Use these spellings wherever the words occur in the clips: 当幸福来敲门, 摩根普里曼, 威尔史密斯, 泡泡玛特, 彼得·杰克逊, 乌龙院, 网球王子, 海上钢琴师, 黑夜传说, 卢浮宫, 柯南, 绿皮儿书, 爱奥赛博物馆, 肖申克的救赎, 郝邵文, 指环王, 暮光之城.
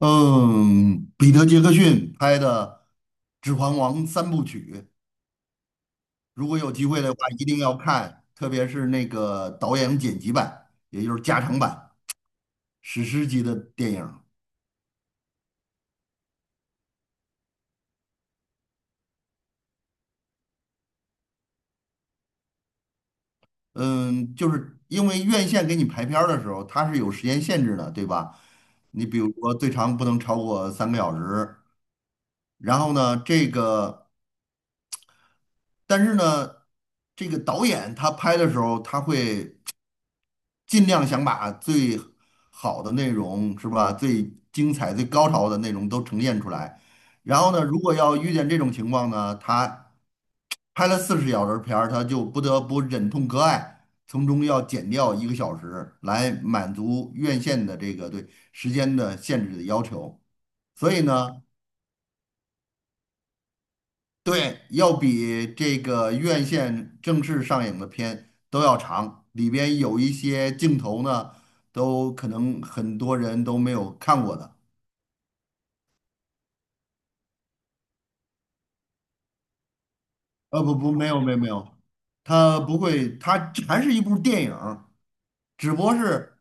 嗯，彼得·杰克逊拍的《指环王》三部曲，如果有机会的话，一定要看，特别是那个导演剪辑版，也就是加长版，史诗级的电影。嗯，就是因为院线给你排片儿的时候，它是有时间限制的，对吧？你比如说最长不能超过3个小时，然后呢，但是呢，这个导演他拍的时候，他会。尽量想把最好的内容是吧，最精彩、最高潮的内容都呈现出来。然后呢，如果要遇见这种情况呢，他拍了40小时片儿，他就不得不忍痛割爱，从中要减掉1个小时来满足院线的这个对时间的限制的要求。所以呢，对，要比这个院线正式上映的片都要长，里边有一些镜头呢，都可能很多人都没有看过的。不不，没有没有没有，它不会，它还是一部电影儿只不过是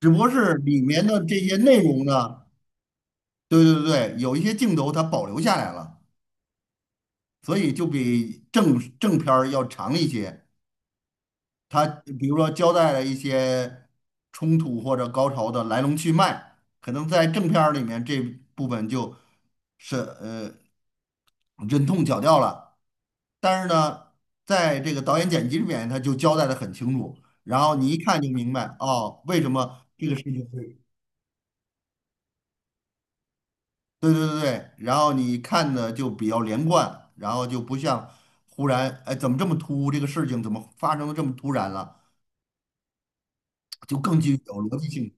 里面的这些内容呢，对对对，有一些镜头它保留下来了，所以就比正片儿要长一些。他比如说交代了一些冲突或者高潮的来龙去脉，可能在正片儿里面这部分就是呃忍痛绞掉了，但是呢，在这个导演剪辑里面他就交代的很清楚，然后你一看就明白哦，为什么这个事情会，对对对对，然后你看的就比较连贯，然后就不像忽然哎怎么这么突兀，这个事情怎么发生的这么突然了，就更具有逻辑性。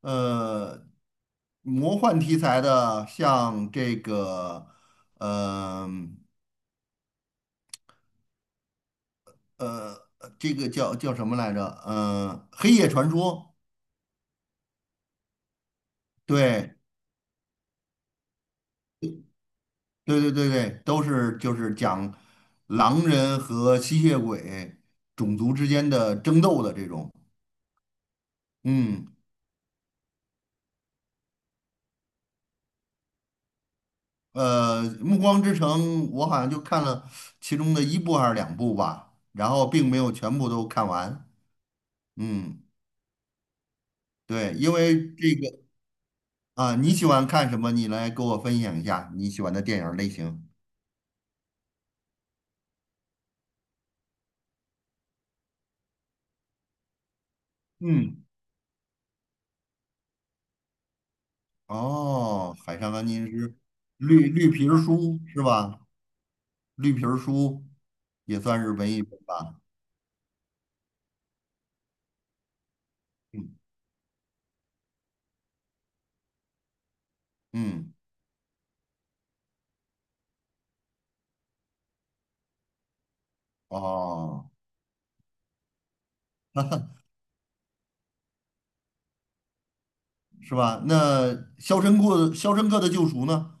呃，魔幻题材的，像这个，嗯呃，这个叫什么来着？《黑夜传说》。对。对对对对都是就是讲狼人和吸血鬼种族之间的争斗的这种。嗯，《暮光之城》我好像就看了其中的一部还是两部吧，然后并没有全部都看完。嗯，对，因为这个。啊，你喜欢看什么？你来给我分享一下你喜欢的电影类型。嗯，哦，《海上钢琴师》绿皮儿书是吧？绿皮儿书也算是文艺片吧。嗯嗯，哦，是吧？那《肖申克的救赎》呢？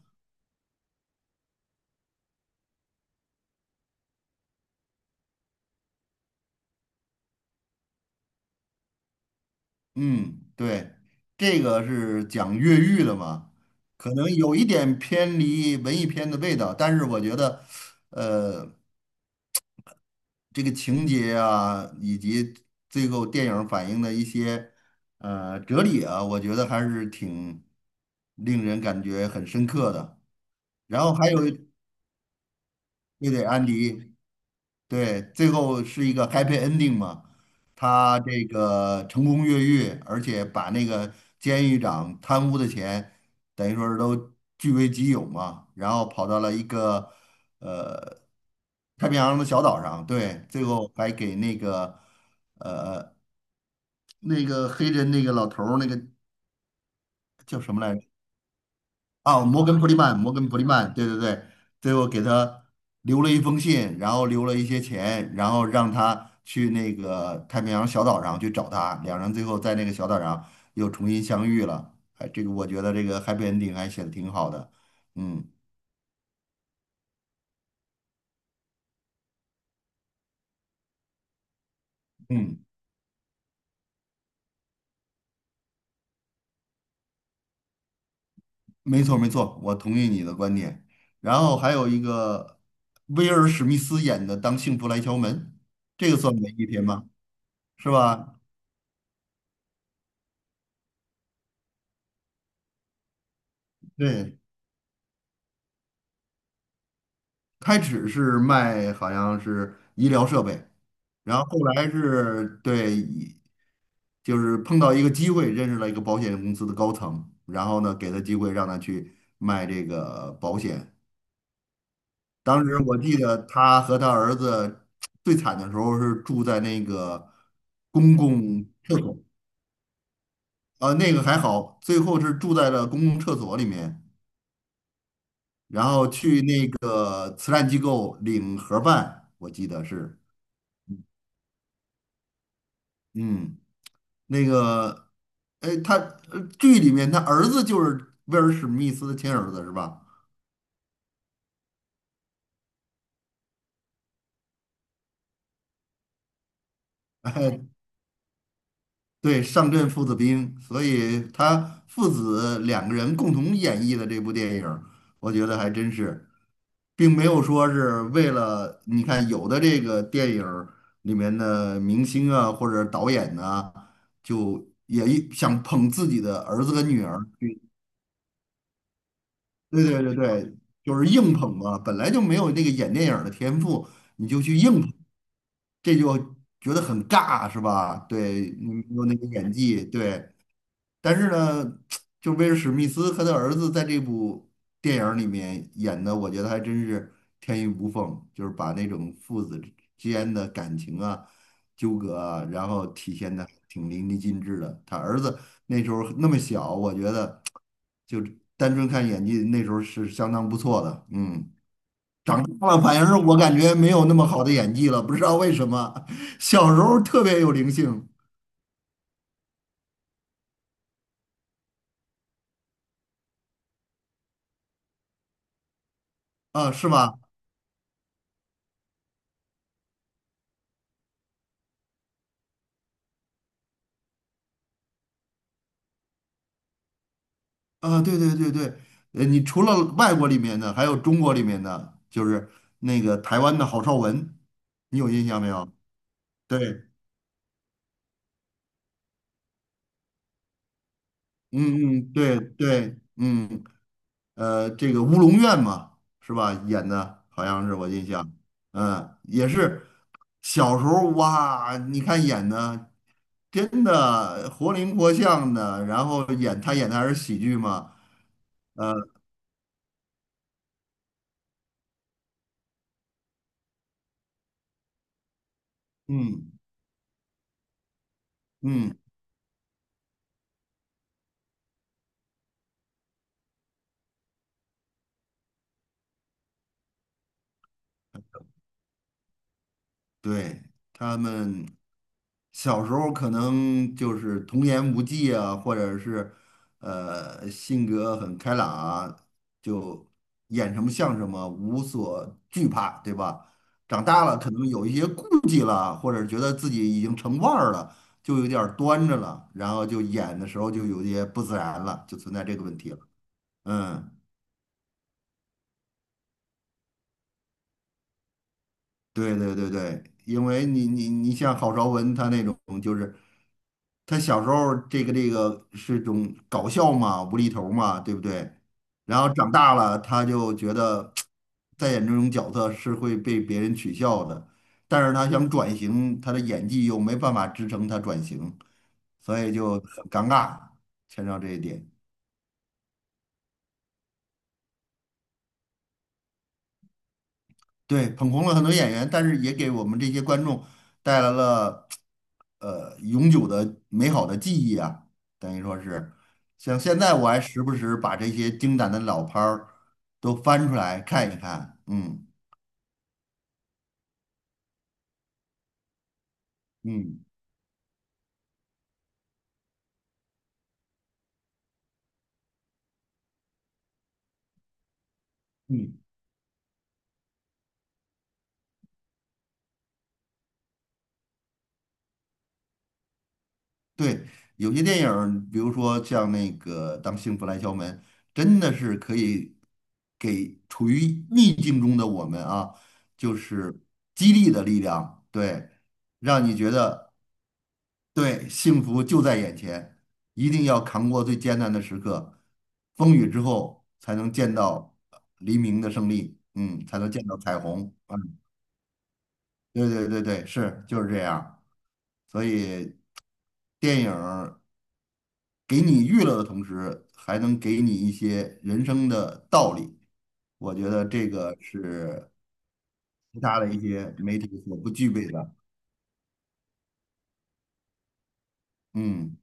嗯，对，这个是讲越狱的嘛，可能有一点偏离文艺片的味道，但是我觉得，呃。这个情节啊，以及最后电影反映的一些哲理啊，我觉得还是挺令人感觉很深刻的。然后还有一，对对，安迪，对，最后是一个 happy ending 嘛，他这个成功越狱，而且把那个监狱长贪污的钱，等于说是都据为己有嘛，然后跑到了一个太平洋的小岛上，对，最后还给那个。那个黑人那个老头儿，那个叫什么来着？啊，摩根普里曼，摩根普里曼，对对对，最后给他留了一封信，然后留了一些钱，然后让他去那个太平洋小岛上去找他，两人最后在那个小岛上又重新相遇了。哎，这个我觉得这个 happy ending 还写的挺好的。嗯嗯，没错没错，我同意你的观点。然后还有一个威尔史密斯演的《当幸福来敲门》，这个算文艺片吗？是吧？对，开始是卖好像是医疗设备，然后后来是对，就是碰到一个机会，认识了一个保险公司的高层，然后呢给他机会让他去卖这个保险。当时我记得他和他儿子最惨的时候是住在那个公共厕所，那个还好，最后是住在了公共厕所里面，然后去那个慈善机构领盒饭，我记得是，嗯。那个，哎，他剧里面他儿子就是威尔史密斯的亲儿子是吧？哎，对，上阵父子兵，所以他父子两个人共同演绎的这部电影儿我觉得还真是，并没有说是为了你看有的这个电影儿里面的明星啊或者导演呐、就也一想捧自己的儿子跟女儿，对对对对，就是硬捧嘛，本来就没有那个演电影儿的天赋，你就去硬捧，这就觉得很尬，是吧？对，你没有那个演技，对，但是呢，就威尔史密斯和他儿子在这部电影儿里面演的，我觉得还真是天衣无缝，就是把那种父子之间的感情啊、纠葛啊，然后体现的挺淋漓尽致的。他儿子那时候那么小，我觉得就单纯看演技，那时候是相当不错的。嗯，看了反是我感觉没有那么好的演技了，不知道为什么，小时候特别有灵性啊，是吧？啊，对对对对，你除了外国里面的，还有中国里面的，就是那个台湾的郝邵文，你有印象没有？对，嗯嗯，对对，这个《乌龙院》嘛，是吧？演的好像是我印象，嗯，也是小时候哇，你看演的真的活灵活现的，然后他演的还是喜剧嘛，嗯嗯，对他们。小时候可能就是童言无忌啊，或者是性格很开朗啊，就演什么像什么，无所惧怕，对吧？长大了可能有一些顾忌了，或者觉得自己已经成腕儿了，就有点儿端着了，然后就演的时候就有些不自然了，就存在这个问题了。嗯，对对对对，因为你像郝邵文他那种，就是他小时候这个是种搞笑嘛，无厘头嘛，对不对？然后长大了，他就觉得再演这种角色是会被别人取笑的，但是他想转型，他的演技又没办法支撑他转型，所以就很尴尬，牵扯到这一点。对，捧红了很多演员，但是也给我们这些观众带来了永久的美好的记忆啊，等于说是，像现在我还时不时把这些经典的老片儿都翻出来看一看，嗯嗯嗯。对，有些电影儿比如说像那个《当幸福来敲门》，真的是可以给处于逆境中的我们啊，就是激励的力量，对，让你觉得对幸福就在眼前，一定要扛过最艰难的时刻，风雨之后才能见到黎明的胜利，嗯，才能见到彩虹。嗯，对对对对，是就是这样。所以电影儿给你娱乐的同时，还能给你一些人生的道理。我觉得这个是其他的一些媒体所不具备的。嗯，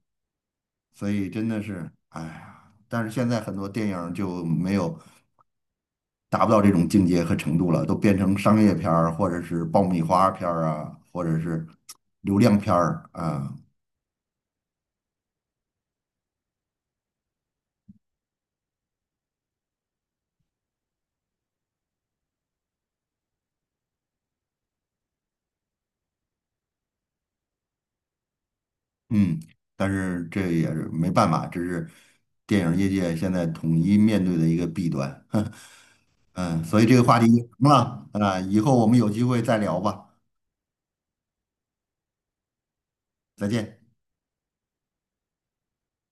所以真的是，哎呀，但是现在很多电影儿就没有达不到这种境界和程度了，都变成商业片儿，或者是爆米花片儿啊，或者是流量片儿啊。嗯，但是这也是没办法，这是电影业界现在统一面对的一个弊端。嗯，所以这个话题什么了？啊，以后我们有机会再聊吧，再见。